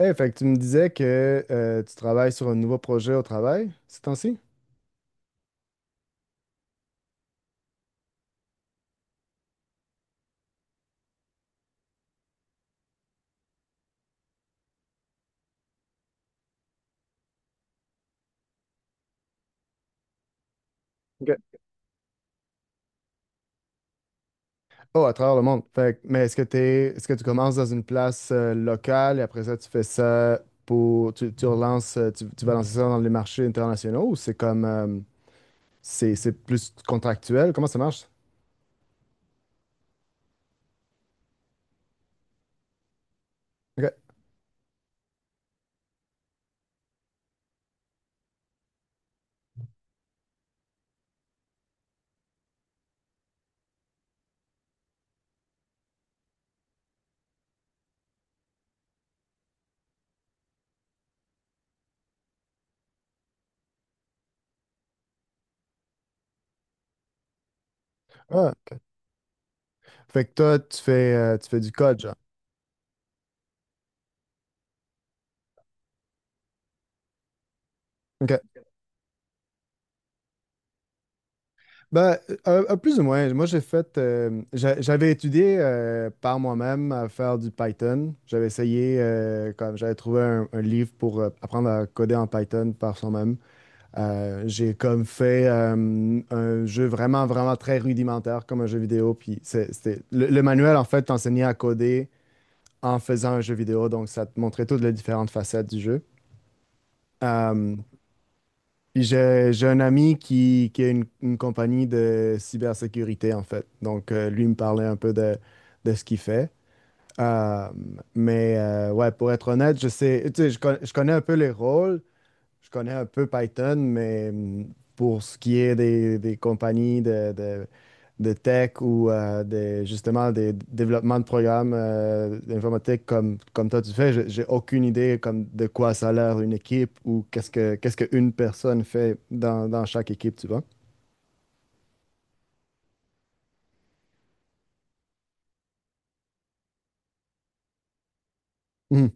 Hey, fait que tu me disais que tu travailles sur un nouveau projet au travail ces temps-ci? Ok. Oh, à travers le monde. Mais est-ce que est-ce que tu commences dans une place locale et après ça, tu fais ça pour, tu relances, tu vas lancer ça dans les marchés internationaux ou c'est comme, c'est plus contractuel? Comment ça marche? OK. Ah, fait que toi, tu fais du code, genre. OK. Ben, un plus ou moins. Moi, j'ai fait, j'avais étudié par moi-même à faire du Python. J'avais essayé, comme j'avais trouvé un livre pour apprendre à coder en Python par soi-même. J'ai comme fait un jeu vraiment, vraiment très rudimentaire, comme un jeu vidéo. Puis c'était le manuel, en fait, t'enseignait à coder en faisant un jeu vidéo. Donc, ça te montrait toutes les différentes facettes du jeu. Euh, puis j'ai un ami qui a une compagnie de cybersécurité, en fait. Donc, lui me parlait un peu de ce qu'il fait. Euh, mais ouais, pour être honnête, je sais, tu sais, je connais un peu les rôles, je connais un peu Python, mais pour ce qui est des compagnies de tech ou des, justement des développements de programmes d'informatique comme, comme toi tu fais, j'ai aucune idée comme de quoi ça a l'air une équipe ou qu'est-ce qu'une personne fait dans, dans chaque équipe, tu vois. Hum,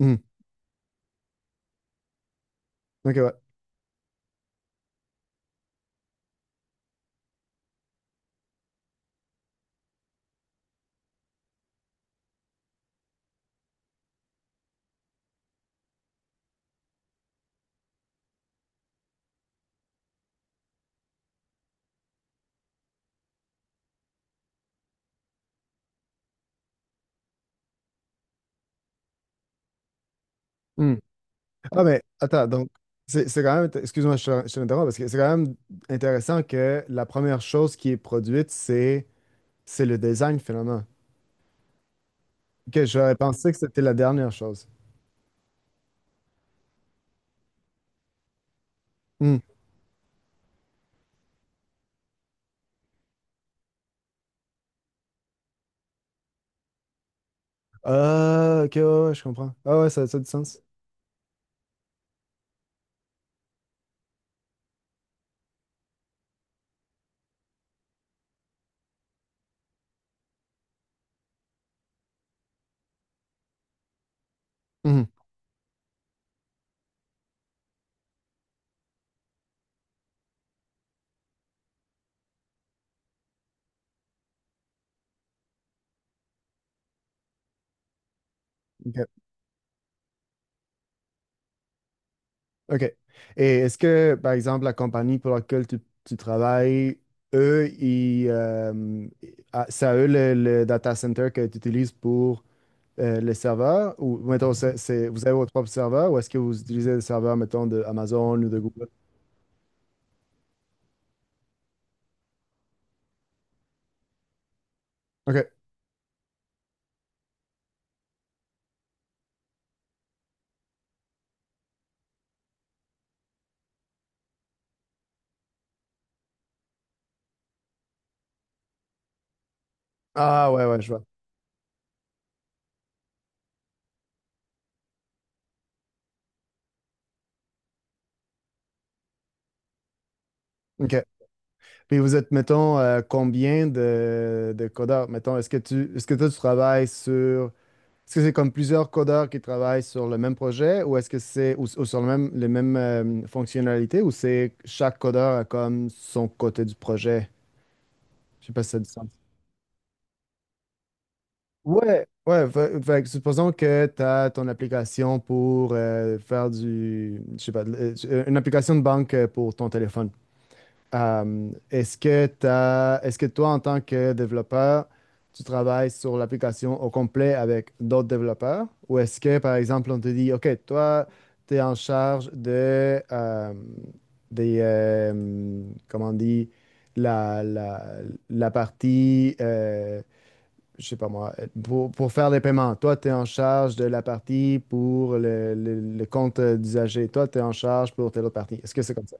hum. Ok, ouais. Hum. Ah, mais attends, donc, c'est quand même, excuse-moi, je te l'interromps, parce que c'est quand même intéressant que la première chose qui est produite, c'est le design finalement. Ok, j'aurais pensé que c'était la dernière chose. Hmm. Ah, ok, ouais, ouais, je comprends. Ah ouais, ça a du sens. Mhm. Ok. Ok. Et est-ce que, par exemple, la compagnie pour laquelle tu travailles, eux, ils, ah, c'est à eux le data center que tu utilises pour le serveur? Ou, mettons, vous avez votre propre serveur ou est-ce que vous utilisez le serveur, mettons, de Amazon ou de Google? Ok. Ah, ouais, ouais, je vois. Ok. Puis vous êtes, mettons, combien de codeurs? Mettons, est-ce que est-ce que toi, tu travailles sur... Est-ce que c'est comme plusieurs codeurs qui travaillent sur le même projet ou est-ce que c'est ou sur le même, les mêmes fonctionnalités ou c'est chaque codeur a comme son côté du projet? Je sais pas si ça a du sens. Ouais, ouais. Fait que supposons que tu as ton application pour faire du... Je sais pas, une application de banque pour ton téléphone. Est-ce que est-ce que toi, en tant que développeur, tu travailles sur l'application au complet avec d'autres développeurs? Ou est-ce que, par exemple, on te dit: OK, toi, tu es en charge de, des, comment on dit, la, la, la partie, je sais pas moi, pour faire les paiements. Toi, tu es en charge de la partie pour le compte d'usager. Toi, tu es en charge pour telle autre partie. Est-ce que c'est comme ça?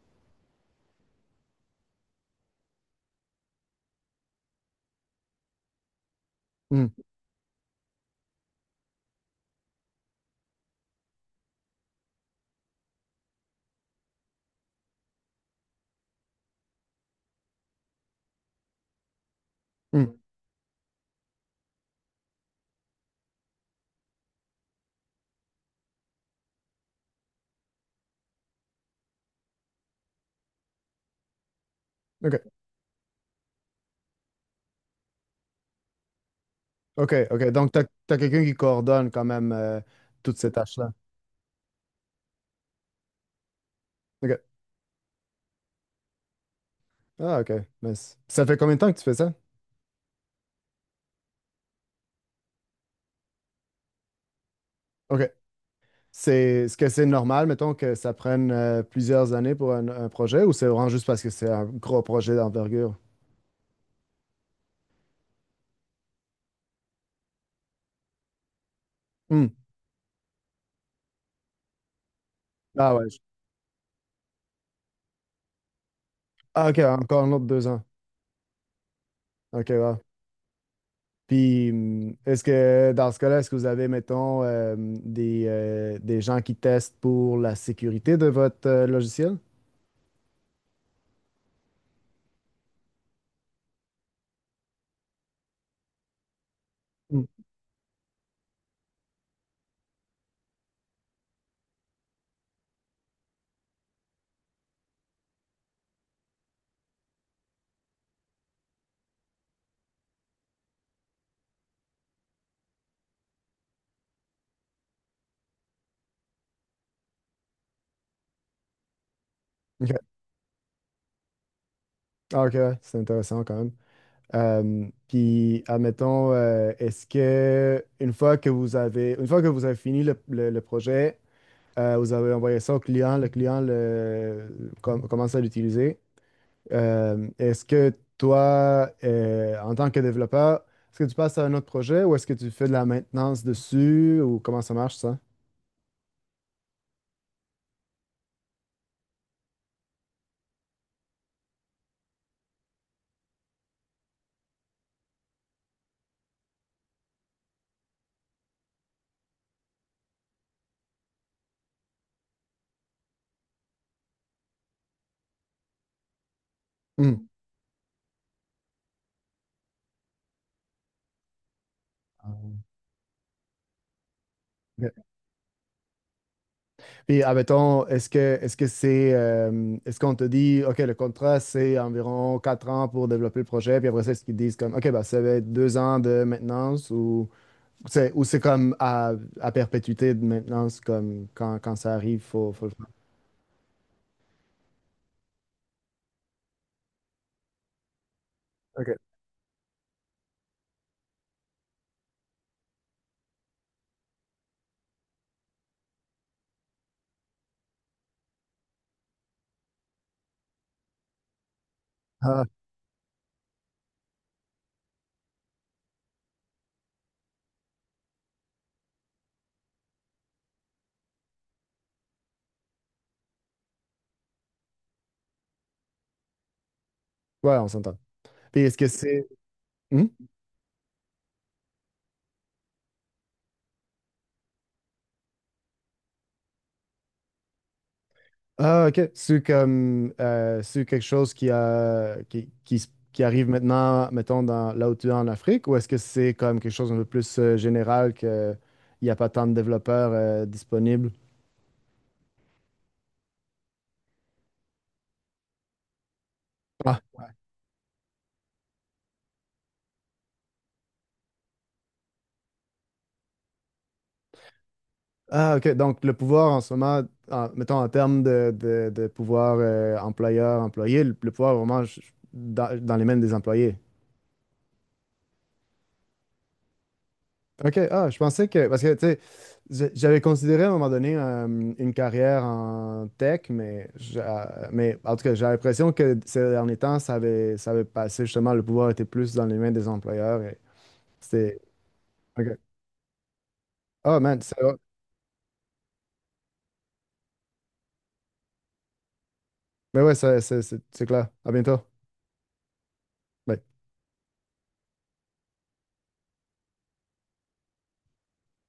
Hmm, hmm, OK. OK, OK. Donc, t'as quelqu'un qui coordonne quand même toutes ces tâches-là. OK. Ah, OK. Ça fait combien de temps que tu fais ça? OK. Est-ce que c'est normal, mettons, que ça prenne plusieurs années pour un projet ou c'est vraiment juste parce que c'est un gros projet d'envergure? Hmm. Ah ouais. Ah, OK, encore un autre deux ans. OK, wow. Puis, est-ce que dans ce cas-là, est-ce que vous avez, mettons, des gens qui testent pour la sécurité de votre logiciel? Hmm. OK. Ah, OK, ouais, c'est intéressant quand même. Puis, admettons, est-ce que une fois que vous avez, une fois que vous avez fini le projet, vous avez envoyé ça au client, le client commence à l'utiliser, est-ce que toi, en tant que développeur, est-ce que tu passes à un autre projet ou est-ce que tu fais de la maintenance dessus ou comment ça marche ça? Hmm. Ah. Ok. Puis, admettons, est-ce que c'est est-ce qu'on te dit OK, le contrat, c'est environ quatre ans pour développer le projet, puis après ça, est-ce qu'ils disent comme OK, bah ça va être deux ans de maintenance ou c'est à perpétuité de maintenance comme quand, quand ça arrive, faut, faut le faire. OK. Ah, ouais, on s'entend. Puis est-ce que c'est. Mhm. Ah, ok. C'est comme c'est quelque chose qui arrive maintenant, mettons, dans, là où tu es en Afrique, ou est-ce que c'est comme quelque chose un peu plus général qu'il n'y a pas tant de développeurs disponibles? Ah, Ah, ok. Donc, le pouvoir en ce moment, mettons, en termes de, de pouvoir employeur-employé, le pouvoir est vraiment dans, dans les mains des employés. OK, ah, je pensais que, parce que, tu sais, j'avais considéré à un moment donné une carrière en tech, mais, mais en tout cas, j'ai l'impression que ces derniers temps, ça avait passé, justement, le pouvoir était plus dans les mains des employeurs. Et c'était... OK. Ah, man, c'est... Mais ouais, c'est clair. À bientôt. Bye.